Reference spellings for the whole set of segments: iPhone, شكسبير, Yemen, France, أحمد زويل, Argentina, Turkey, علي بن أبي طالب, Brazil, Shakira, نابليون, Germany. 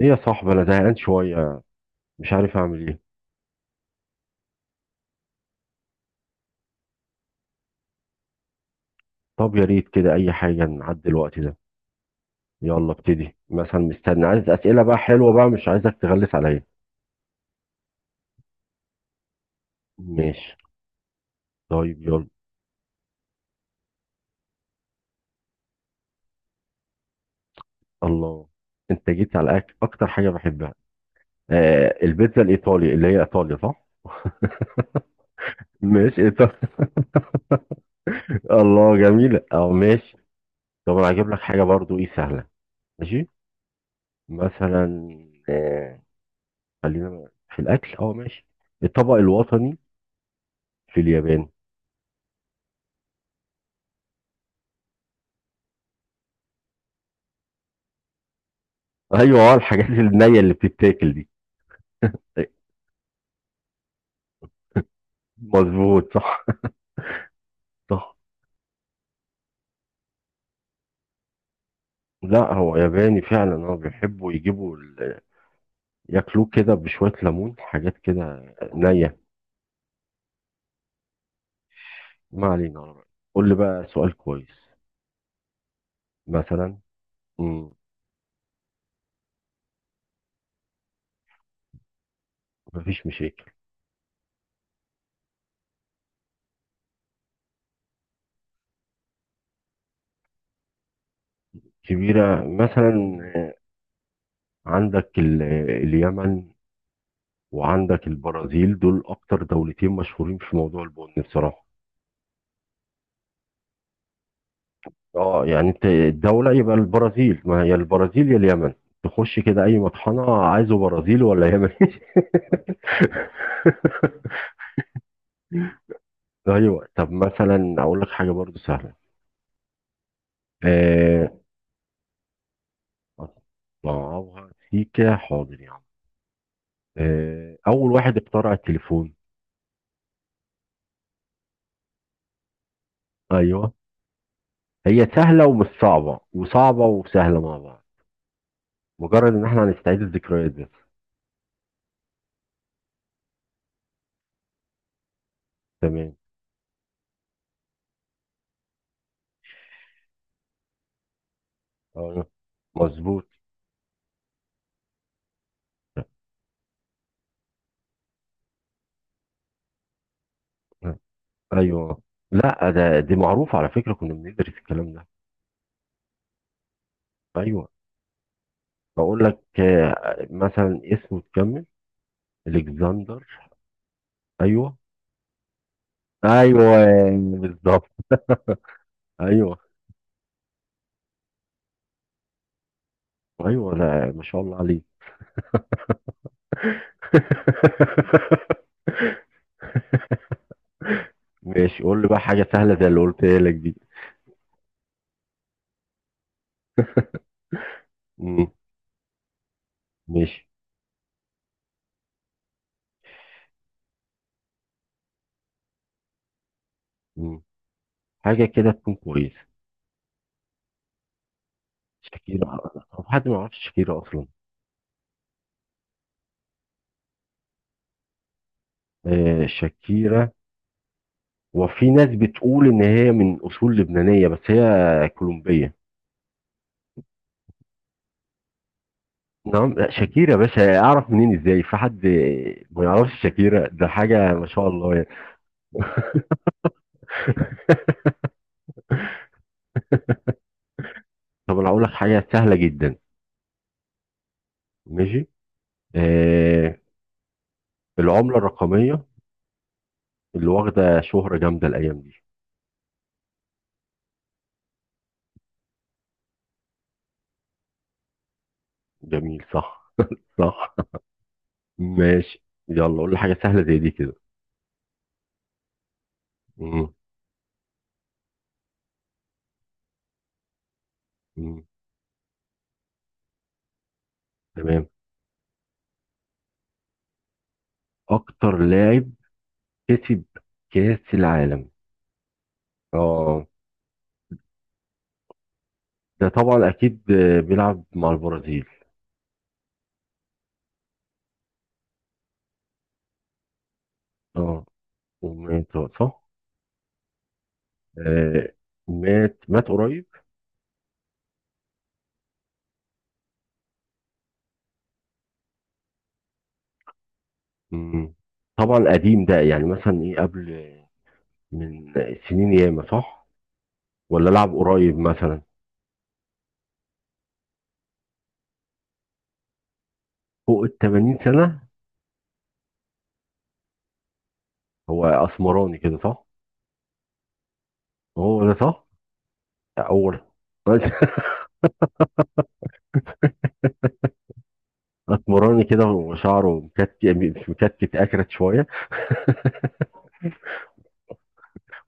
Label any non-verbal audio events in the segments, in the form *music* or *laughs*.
ايه يا صاحبي، انا زهقان شويه. مش عارف اعمل ايه. طب يا ريت كده، اي حاجه نعدي الوقت ده. يلا ابتدي مثلا، مستني. عايز اسئله بقى حلوه بقى، مش عايزك تغلس عليا. ماشي. طيب يلا. الله، انت جيت على اكتر حاجه بحبها. آه، البيتزا الايطالي اللي هي ايطاليا، صح؟ ماشي، ايطالي. *laughs* الله جميله، اه ماشي. طب انا هجيب لك حاجه برضو ايه سهله. ماشي. مثلا، آه خلينا في الاكل. اه ماشي، الطبق الوطني في اليابان. ايوه، اه الحاجات النية اللي بتتاكل دي. مظبوط، صح. *laughs* صح. لا، هو ياباني فعلا. هو بيحبوا يجيبوا ياكلوه كده بشوية ليمون، حاجات كده نية. ما علينا، على رأيك. قول لي بقى سؤال كويس، مثلا. مم. مفيش مشاكل. كبيرة مثلا، عندك اليمن، وعندك البرازيل. دول أكتر دولتين مشهورين في موضوع البن بصراحة. اه يعني انت الدولة يبقى البرازيل. ما هي البرازيل يا اليمن. تخش كده اي مطحنة، عايزه برازيل ولا يمن. *laughs* ايوه. طب مثلا اقول لك حاجة برضو سهلة. آه، اطلعوها سيكا، حاضر يا عم. اول واحد اخترع التليفون. ايوه. هي سهلة ومش صعبة، وصعبة وسهلة مع بعض. مجرد ان احنا هنستعيد الذكريات بس. تمام. اه مظبوط. ايوه. لا ده دي معروفة على فكرة، كنا بندرس الكلام ده. ايوه. بقول لك، مثلا اسمه تكمل. الكسندر. ايوه. ايوه بالظبط. ايوه. ايوه، لا ما شاء الله عليك. *laughs* ماشي. قول لي بقى حاجه سهله زي اللي قلت لك دي. مم. ماشي. مم. حاجه كده تكون كويسه. شاكيرا. طب حد ما يعرفش شاكيرا اصلا؟ آه شاكيرا. وفي ناس بتقول ان هي من اصول لبنانيه، بس هي كولومبيه. نعم لا، شاكيرا بس اعرف منين؟ ازاي في حد ما يعرفش شاكيرا؟ ده حاجه ما شاء الله يعني. طب انا هقول لك حاجه سهله جدا. ماشي. آه، العمله الرقميه اللي واخده شهره جامده الايام دي. جميل صح. صح. *laughs* ماشي. يلا قول لي حاجه سهله زي دي كده. مم، مم، تمام. اكتر لاعب كسب كاس العالم. اه. ده طبعا اكيد بيلعب مع البرازيل. اه ومات، صح. آه، مات مات قريب. مم. طبعا قديم ده، يعني مثلا ايه؟ قبل من سنين ياما، صح؟ ولا لعب قريب مثلا؟ فوق ال 80 سنة. هو اسمراني كده، صح؟ هو ده، صح. اول. *laughs* اسمراني كده وشعره مكتف، مش مكتف، اكرت شوية. *laughs*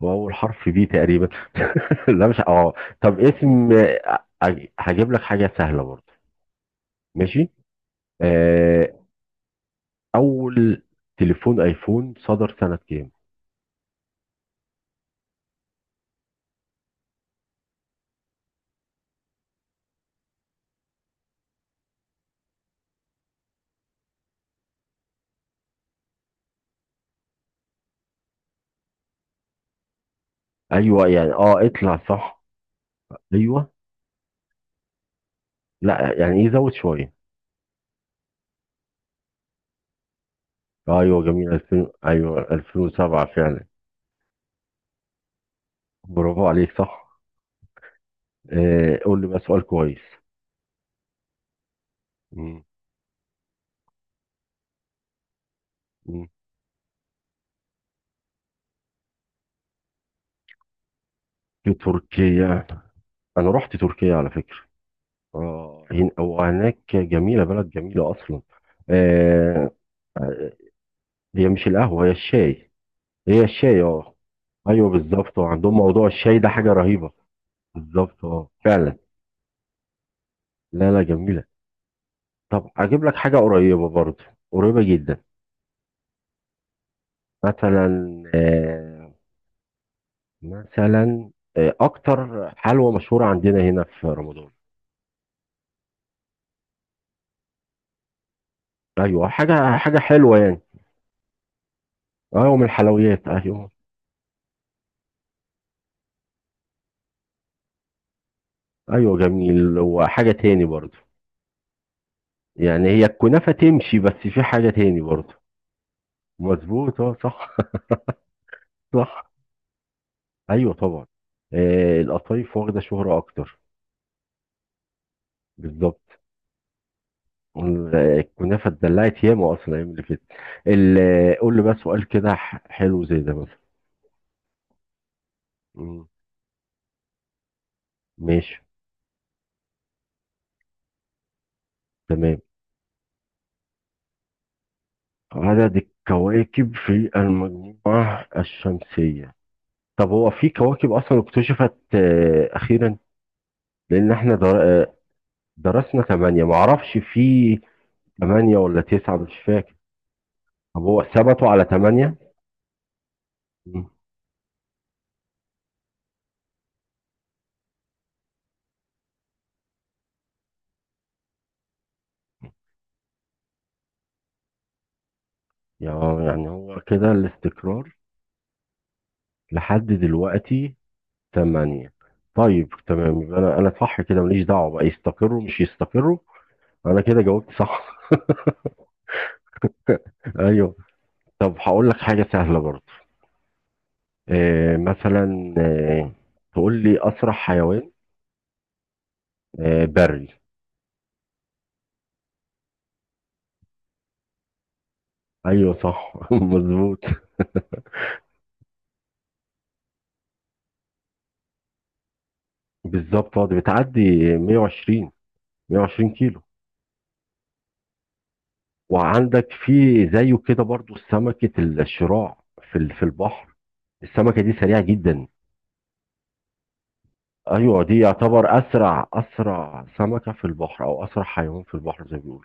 واول حرف بي تقريبا. *laughs* لا مش اه. طب اسم، هجيب لك حاجة سهلة برضه. ماشي. آه. اول تليفون ايفون صدر سنة كام؟ ايوه يعني، اه اطلع صح. ايوه، لا يعني يزود شوية. ايوه جميل، 2000، ايوه 2007 فعلا. برافو عليك، صح. آه، قول لي بقى سؤال كويس. مم. مم. في تركيا. انا رحت تركيا على فكرة. اه وهناك جميلة، بلد جميلة اصلا. آه. هي مش القهوة، هي الشاي. هي الشاي، اه. ايوه بالظبط، وعندهم موضوع الشاي ده حاجة رهيبة. بالظبط اه، فعلا. لا لا، جميلة. طب اجيب لك حاجة قريبة برضه، قريبة جدا. مثلا، مثلا، اكتر حلوى مشهوره عندنا هنا في رمضان. ايوه، حاجه حلوه يعني. ايوه، من الحلويات، ايوه. ايوه جميل. وحاجه تاني برضو؟ يعني هي الكنافه تمشي، بس في حاجه تاني برضو. مظبوط اه، صح. *laughs* صح. ايوه طبعا. آه، القطايف واخده شهره اكتر. بالظبط. الكنافه اتدلعت ياما اصلا الايام اللي فاتت. قول لي بقى سؤال كده حلو زي ده مثلا. مم، ماشي. تمام، عدد الكواكب في المجموعة الشمسية. طب هو في كواكب أصلا اكتشفت أخيرا؟ لأن احنا در... آه، درسنا ثمانية، معرفش. في ثمانية ولا تسعة؟ مش فاكر. طب هو ثبتوا على ثمانية؟ مم. يا- يعني هو كده الاستقرار لحد دلوقتي، ثمانية. طيب تمام، يبقى أنا صح كده. ماليش دعوة بقى يستقروا مش يستقروا، أنا كده جاوبت صح. *laughs* أيوه. طب هقول لك حاجة سهلة برضه. آه، مثلا، تقول لي أسرع حيوان، بري. أيوه صح. *laughs* مظبوط. بالظبط اه، دي بتعدي 120. 120 كيلو. وعندك في زيه كده برضو سمكة الشراع في في البحر. السمكة دي سريعة جدا. ايوه دي يعتبر اسرع اسرع سمكة في البحر، او اسرع حيوان في البحر زي ما بيقولوا.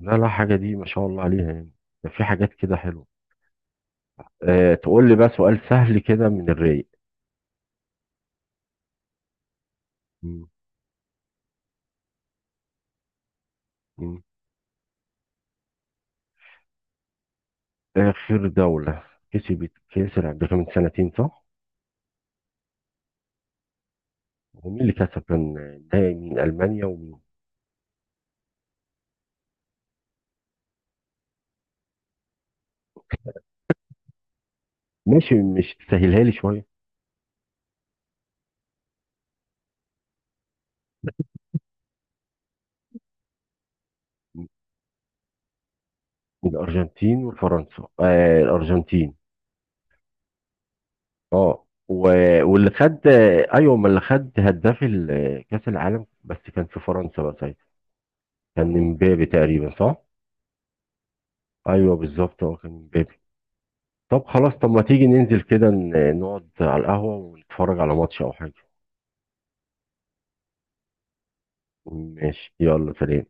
لا لا، حاجة دي ما شاء الله عليها يعني. ده في حاجات كده حلوة. أه، تقول لي بقى سؤال سهل كده من الرايق. مم. آخر دولة كسبت كأس العالم، ده كان من سنتين صح؟ ومين اللي كسب؟ كان النهائي مين، ألمانيا ومين؟ ماشي، مش تسهلها لي شوية؟ من الأرجنتين وفرنسا؟ آه، الأرجنتين. اه واللي خد، أيوه، ما اللي خد هداف كأس العالم بس كان في فرنسا بقى ساعتها. كان امبابي تقريبا، صح؟ أيوه بالظبط، اه كان امبابي. طب خلاص، طب ما تيجي ننزل كده نقعد على القهوة ونتفرج على ماتش أو حاجة. ماشي، يلا سلام.